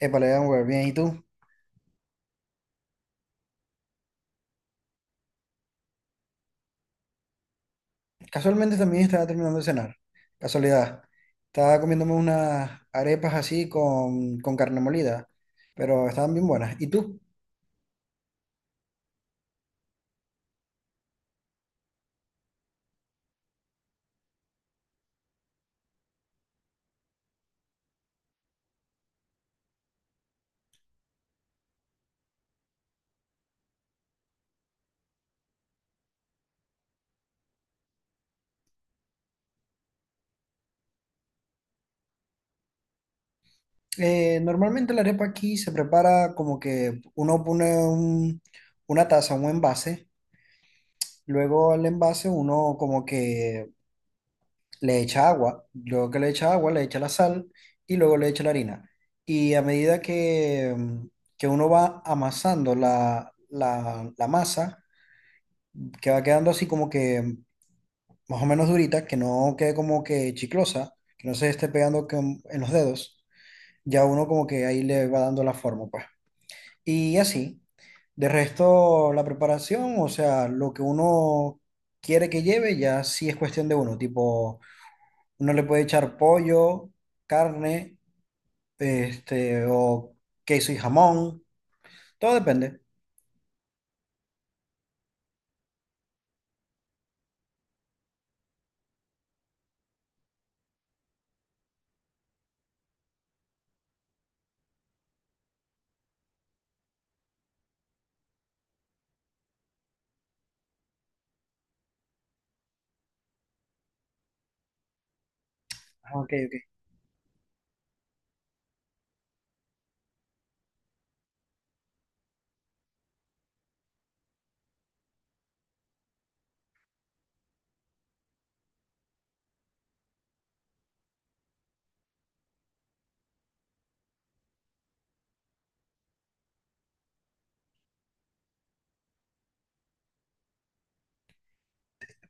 Épale, Amber, bien. ¿Y tú? Casualmente también estaba terminando de cenar. Casualidad. Estaba comiéndome unas arepas así con carne molida, pero estaban bien buenas. ¿Y tú? Normalmente la arepa aquí se prepara como que uno pone una taza, un envase. Luego al envase uno como que le echa agua. Luego que le echa agua, le echa la sal y luego le echa la harina. Y a medida que uno va amasando la masa, que va quedando así como que más o menos durita, que no quede como que chiclosa, que no se esté pegando en los dedos, ya uno como que ahí le va dando la forma, pues. Y así, de resto, la preparación, o sea, lo que uno quiere que lleve, ya sí es cuestión de uno, tipo, uno le puede echar pollo, carne, este, o queso y jamón, todo depende. Ah, ok, ok.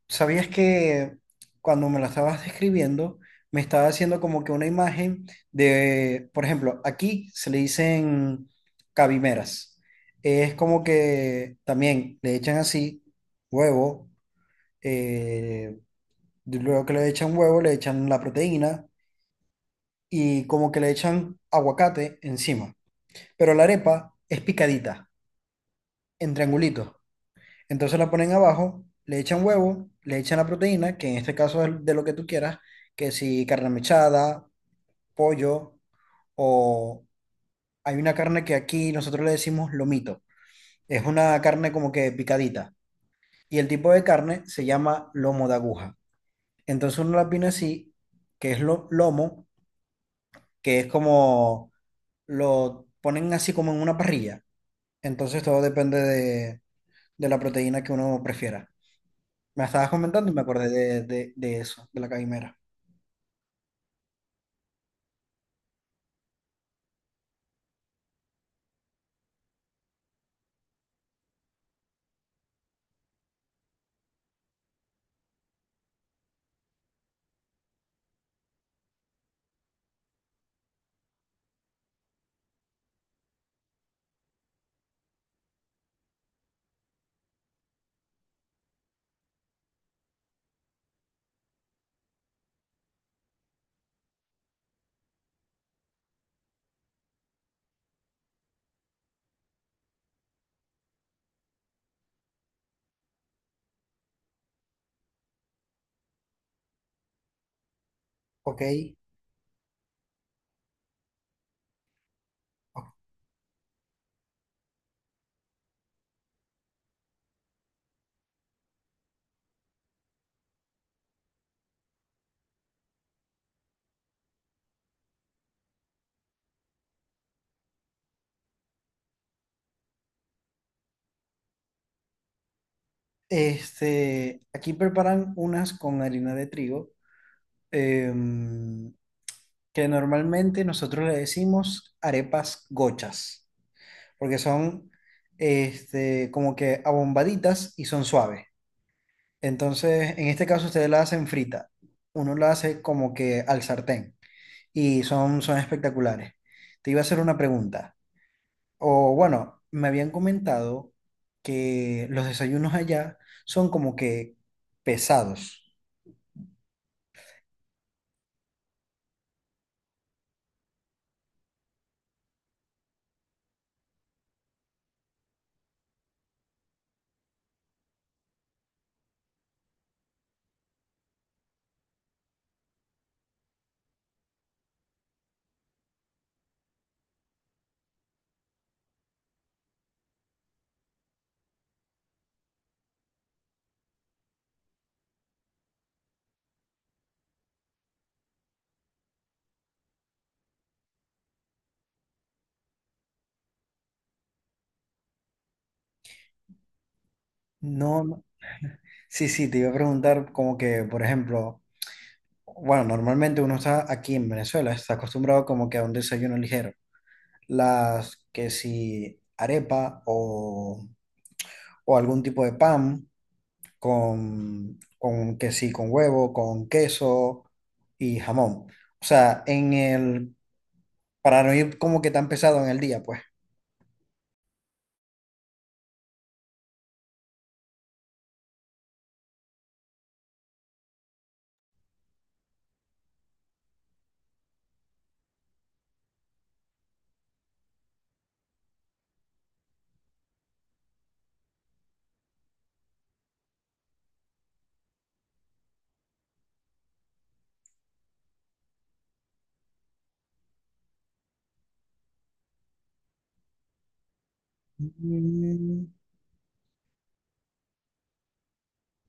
¿Sabías que cuando me la estabas describiendo, me estaba haciendo como que una imagen de, por ejemplo, aquí se le dicen cabimeras? Es como que también le echan así huevo, eh, luego que le echan huevo, le echan la proteína y como que le echan aguacate encima. Pero la arepa es picadita, en triangulitos. Entonces la ponen abajo, le echan huevo, le echan la proteína, que en este caso es de lo que tú quieras, que si carne mechada, pollo, o hay una carne que aquí nosotros le decimos lomito. Es una carne como que picadita. Y el tipo de carne se llama lomo de aguja. Entonces uno la pone así, lomo, que es como lo ponen así como en una parrilla. Entonces todo depende de la proteína que uno prefiera. Me estabas comentando y me acordé de eso, de la caimera. Ok. Ok. Este, aquí preparan unas con harina de trigo, em, que normalmente nosotros le decimos arepas gochas, porque son este, como que abombaditas y son suaves. Entonces, en este caso ustedes la hacen frita. Uno la hace como que al sartén y son espectaculares. Te iba a hacer una pregunta. O bueno, me habían comentado que los desayunos allá son como que pesados. No, no- sí, sí, te iba a preguntar como que, por ejemplo, bueno, normalmente uno está aquí en Venezuela, está acostumbrado como que a un desayuno ligero. Las que si arepa o algún tipo de pan con que sí, con huevo, con queso y jamón. O sea, para no ir como que tan pesado en el día, pues. Mm.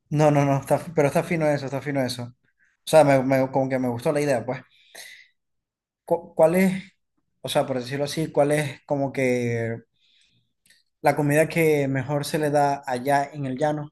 No, está, pero está fino eso, está fino eso. O sea, como que me gustó la idea, pues. ¿Cuál es, o sea, por decirlo así, cuál es como que la comida que mejor se le da allá en el llano?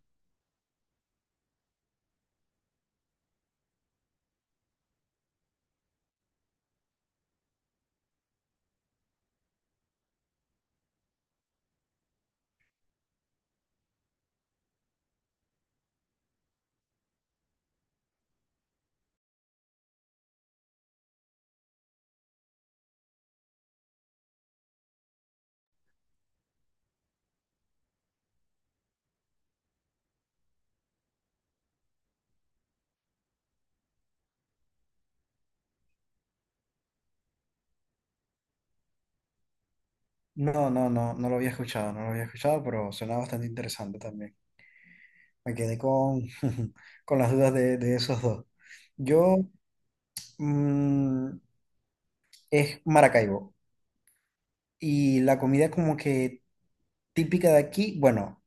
No, no, no, no lo había escuchado, no lo había escuchado, pero suena bastante interesante también. Me quedé con, con las dudas de esos dos. Yo, mm, es Maracaibo. Y la comida como que típica de aquí, bueno,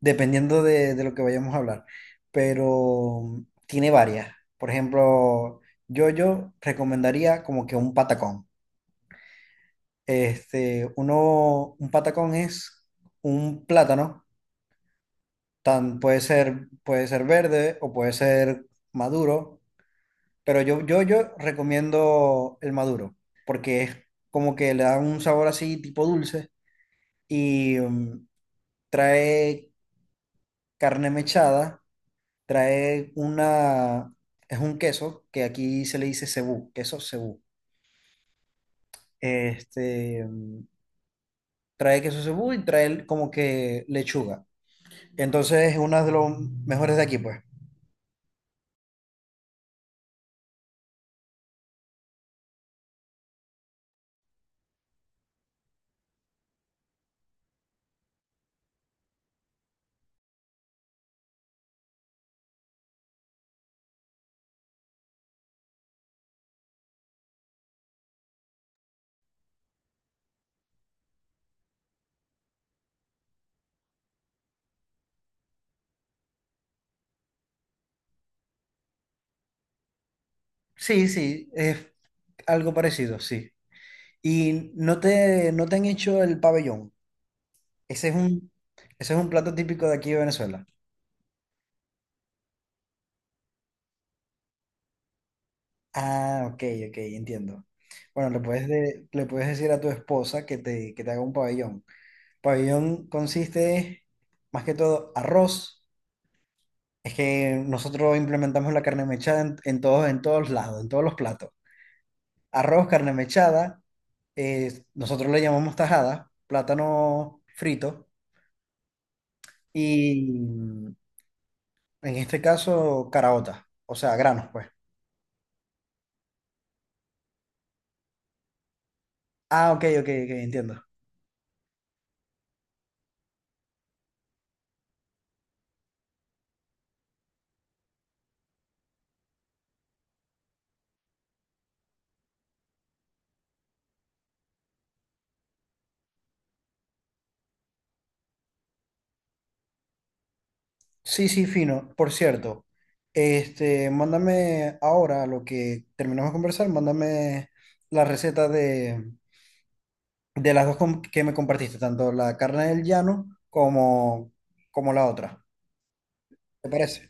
dependiendo de lo que vayamos a hablar, pero tiene varias. Por ejemplo, yo recomendaría como que un patacón. Este, un patacón es un plátano, tan, puede ser verde o puede ser maduro, pero yo recomiendo el maduro, porque es como que le da un sabor así tipo dulce y mm, trae carne mechada. Trae una, es un queso que aquí se le dice cebú, queso cebú. Este, mm, trae queso cebú y trae como que lechuga. Entonces es uno de los mejores de aquí, pues. Sí, sí, es algo parecido, sí. Y no te han hecho el pabellón. Ese es un, ese es un plato típico de aquí de Venezuela. Ah, ok, ok, entiendo. Bueno, le puedes decir a tu esposa que te haga un pabellón. Pabellón consiste más que todo arroz. Es que nosotros implementamos la carne mechada en en todos lados, en todos los platos. Arroz, carne mechada, nosotros le llamamos tajada, plátano frito y en este caso caraota, o sea, granos, pues. Ah, ok, ok, ok, entiendo. Sí, sí, fino. Por cierto, este, mándame ahora lo que terminamos de conversar, mándame la receta de que me compartiste, tanto la carne del llano como, como la otra. ¿Te parece?